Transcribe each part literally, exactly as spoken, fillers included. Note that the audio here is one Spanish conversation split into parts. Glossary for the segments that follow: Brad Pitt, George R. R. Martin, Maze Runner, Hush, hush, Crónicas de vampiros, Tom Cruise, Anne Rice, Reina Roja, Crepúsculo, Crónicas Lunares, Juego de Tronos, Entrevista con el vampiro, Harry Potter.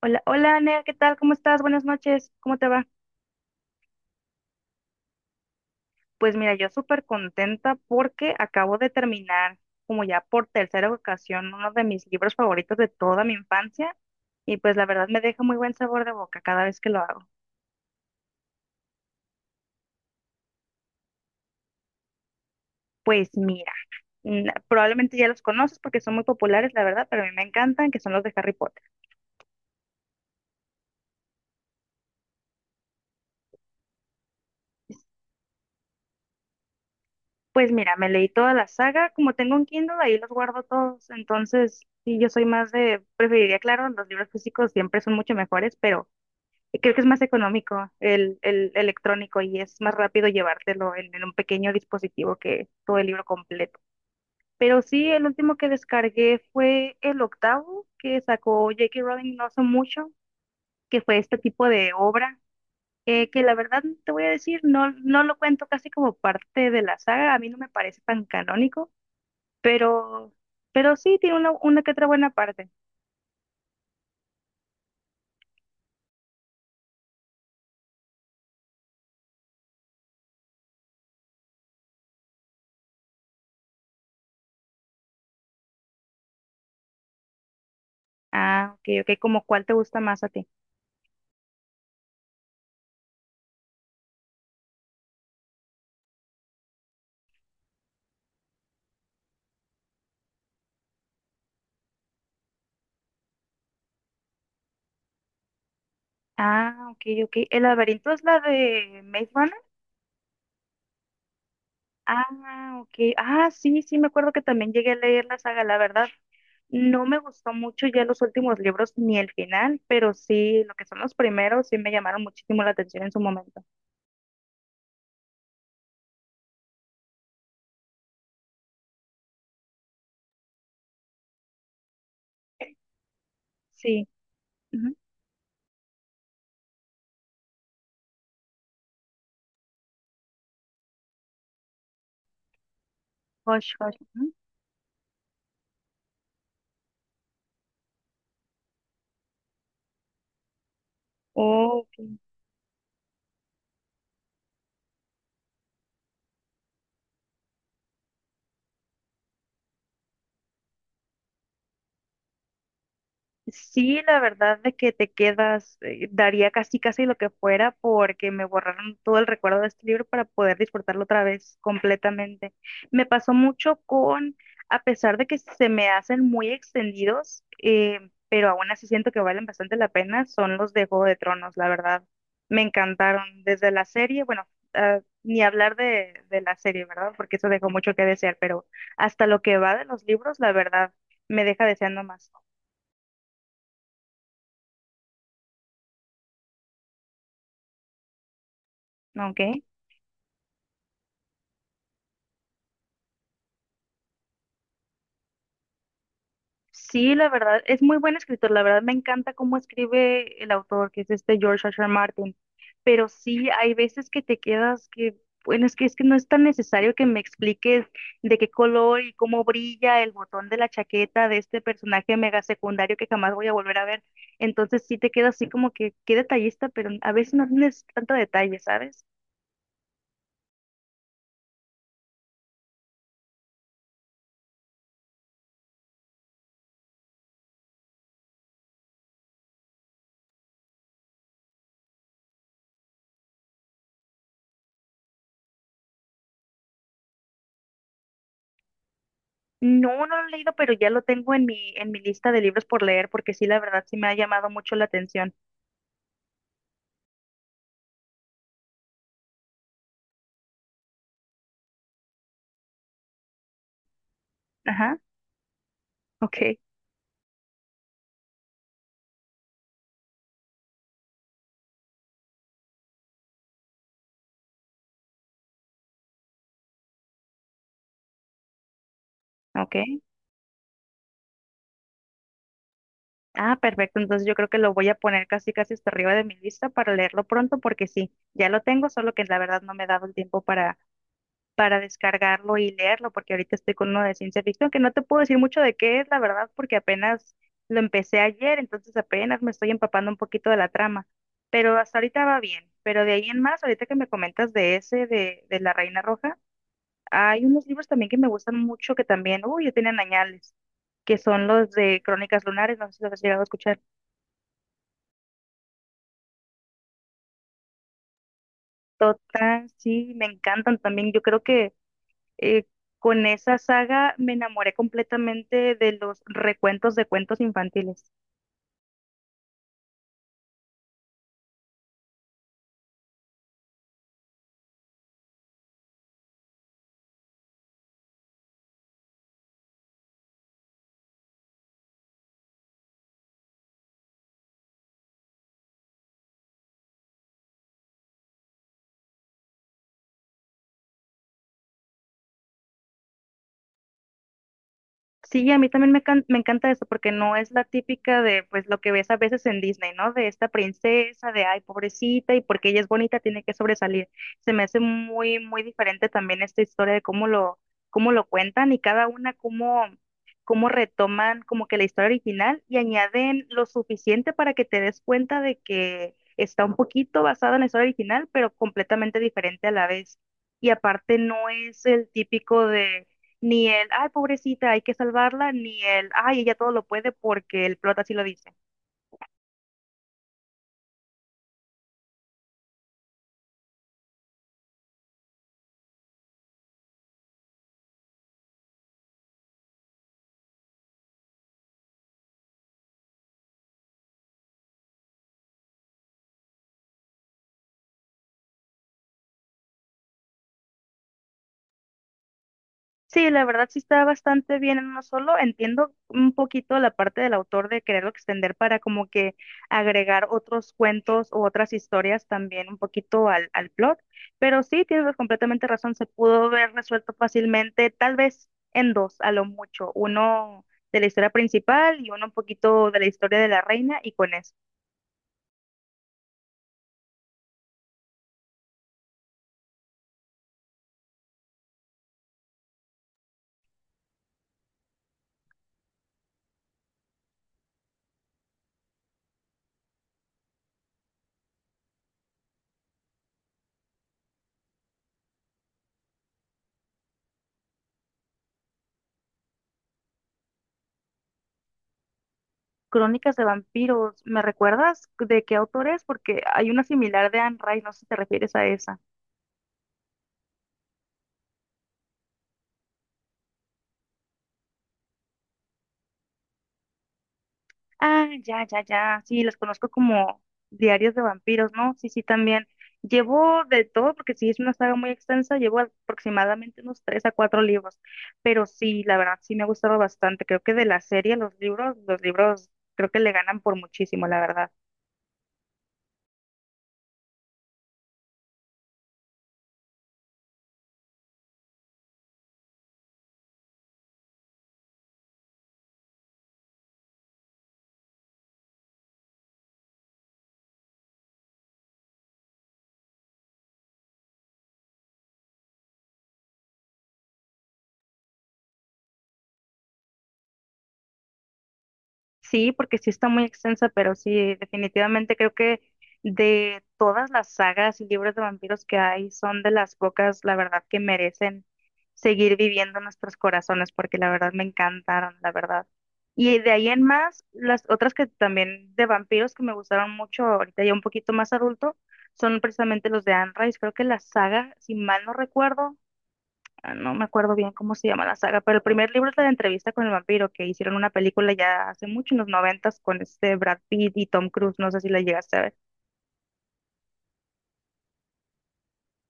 Hola, hola, Nea, ¿qué tal? ¿Cómo estás? Buenas noches, ¿cómo te va? Pues mira, yo súper contenta porque acabo de terminar, como ya por tercera ocasión, uno de mis libros favoritos de toda mi infancia y pues la verdad me deja muy buen sabor de boca cada vez que lo hago. Pues mira, mm, probablemente ya los conoces porque son muy populares, la verdad, pero a mí me encantan, que son los de Harry Potter. Pues mira, me leí toda la saga, como tengo un Kindle, ahí los guardo todos, entonces sí, yo soy más de, preferiría, claro, los libros físicos siempre son mucho mejores, pero... Creo que es más económico el, el electrónico y es más rápido llevártelo en, en un pequeño dispositivo que todo el libro completo. Pero sí, el último que descargué fue el octavo que sacó J K. Rowling no hace mucho, que fue este tipo de obra, eh, que la verdad no te voy a decir, no, no lo cuento casi como parte de la saga, a mí no me parece tan canónico, pero, pero sí tiene una, una que otra buena parte. Ah, ok, ok, como cuál te gusta más a ti. Ah, ok, ok. ¿El laberinto es la de Maze Runner? Ah, ok. Ah, sí, sí, me acuerdo que también llegué a leer la saga, la verdad. No me gustó mucho ya los últimos libros ni el final, pero sí, lo que son los primeros sí me llamaron muchísimo la atención en su momento. Sí. Ujú. Hush, hush. Ujú. Oh, ok. Sí, la verdad de que te quedas, eh, daría casi casi lo que fuera porque me borraron todo el recuerdo de este libro para poder disfrutarlo otra vez completamente. Me pasó mucho con, a pesar de que se me hacen muy extendidos, eh, pero aún así siento que valen bastante la pena, son los de Juego de Tronos, la verdad. Me encantaron desde la serie, bueno, ah, ni hablar de, de la serie, ¿verdad? Porque eso dejó mucho que desear, pero hasta lo que va de los libros, la verdad, me deja deseando más. ¿No? ¿Ok? Sí, la verdad, es muy buen escritor. La verdad, me encanta cómo escribe el autor, que es este George R. R. Martin. Pero sí, hay veces que te quedas que, bueno, es que es que no es tan necesario que me expliques de qué color y cómo brilla el botón de la chaqueta de este personaje mega secundario que jamás voy a volver a ver. Entonces sí te queda así como que qué detallista, pero a veces no tienes tanto detalle, ¿sabes? No, no lo he leído, pero ya lo tengo en mi, en mi lista de libros por leer, porque sí, la verdad, sí me ha llamado mucho la atención. Ajá, ok. Ok. Ah, perfecto. Entonces yo creo que lo voy a poner casi casi hasta arriba de mi lista para leerlo pronto porque sí, ya lo tengo, solo que la verdad no me he dado el tiempo para para descargarlo y leerlo porque ahorita estoy con uno de ciencia ficción que no te puedo decir mucho de qué es, la verdad, porque apenas lo empecé ayer, entonces apenas me estoy empapando un poquito de la trama. Pero hasta ahorita va bien. Pero de ahí en más, ahorita que me comentas de ese de de la Reina Roja, hay unos libros también que me gustan mucho que también, uy, ya tienen añales, que son los de Crónicas Lunares, no sé si los has llegado a escuchar. Total, sí, me encantan también. Yo creo que eh, con esa saga me enamoré completamente de los recuentos de cuentos infantiles. Sí, a mí también me, can- me encanta eso porque no es la típica de pues lo que ves a veces en Disney, ¿no? De esta princesa, de ay, pobrecita, y porque ella es bonita tiene que sobresalir. Se me hace muy, muy diferente también esta historia de cómo lo, cómo lo cuentan y cada una cómo, cómo retoman como que la historia original y añaden lo suficiente para que te des cuenta de que está un poquito basada en la historia original, pero completamente diferente a la vez. Y aparte no es el típico de ni el, ay, pobrecita, hay que salvarla, ni el, ay, ella todo lo puede porque el plot así lo dice. Sí, la verdad sí está bastante bien en uno solo. Entiendo un poquito la parte del autor de quererlo extender para como que agregar otros cuentos o otras historias también un poquito al, al plot. Pero sí, tienes completamente razón, se pudo haber resuelto fácilmente, tal vez en dos, a lo mucho. Uno de la historia principal y uno un poquito de la historia de la reina y con eso. Crónicas de vampiros, ¿me recuerdas de qué autor es? Porque hay una similar de Anne Rice, no sé si te refieres a esa. Ah, ya, ya, ya, sí, las conozco como Diarios de vampiros, ¿no? Sí, sí, también. Llevo de todo, porque sí es una saga muy extensa, llevo aproximadamente unos tres a cuatro libros, pero sí, la verdad, sí me ha gustado bastante. Creo que de la serie, los libros, los libros creo que le ganan por muchísimo, la verdad. Sí, porque sí está muy extensa, pero sí, definitivamente creo que de todas las sagas y libros de vampiros que hay, son de las pocas, la verdad, que merecen seguir viviendo en nuestros corazones, porque la verdad me encantaron, la verdad. Y de ahí en más, las otras que también de vampiros que me gustaron mucho, ahorita ya un poquito más adulto, son precisamente los de Anne Rice. Creo que la saga, si mal no recuerdo, ah, no me acuerdo bien cómo se llama la saga, pero el primer libro es la de entrevista con el vampiro, que hicieron una película ya hace mucho, en los noventas, con este Brad Pitt y Tom Cruise, no sé si la llegaste a ver.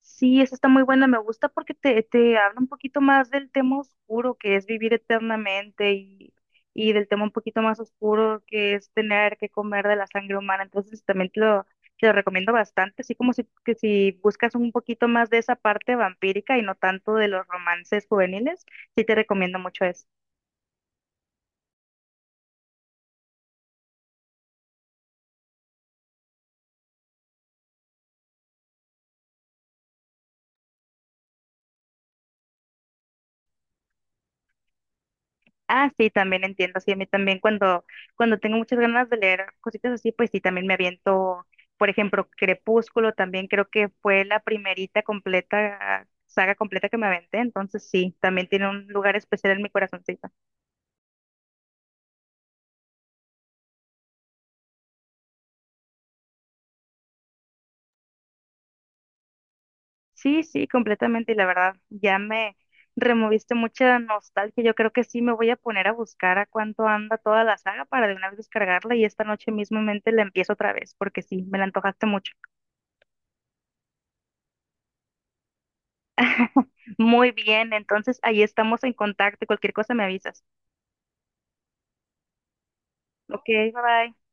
Sí, esa está muy buena, me gusta porque te, te habla un poquito más del tema oscuro que es vivir eternamente y, y del tema un poquito más oscuro que es tener que comer de la sangre humana, entonces también te lo, te lo recomiendo bastante, así como si, que si buscas un poquito más de esa parte vampírica y no tanto de los romances juveniles, sí te recomiendo mucho eso. Ah, sí, también entiendo. Sí, a mí también cuando, cuando tengo muchas ganas de leer cositas así, pues sí, también me aviento, por ejemplo, Crepúsculo, también creo que fue la primerita completa, saga completa que me aventé, entonces sí, también tiene un lugar especial en mi corazoncito. Sí, sí, completamente, y la verdad, ya me removiste mucha nostalgia. Yo creo que sí me voy a poner a buscar a cuánto anda toda la saga para de una vez descargarla y esta noche mismamente la empiezo otra vez, porque sí, me la antojaste mucho. Muy bien, entonces ahí estamos en contacto. Cualquier cosa me avisas. Ok, bye bye.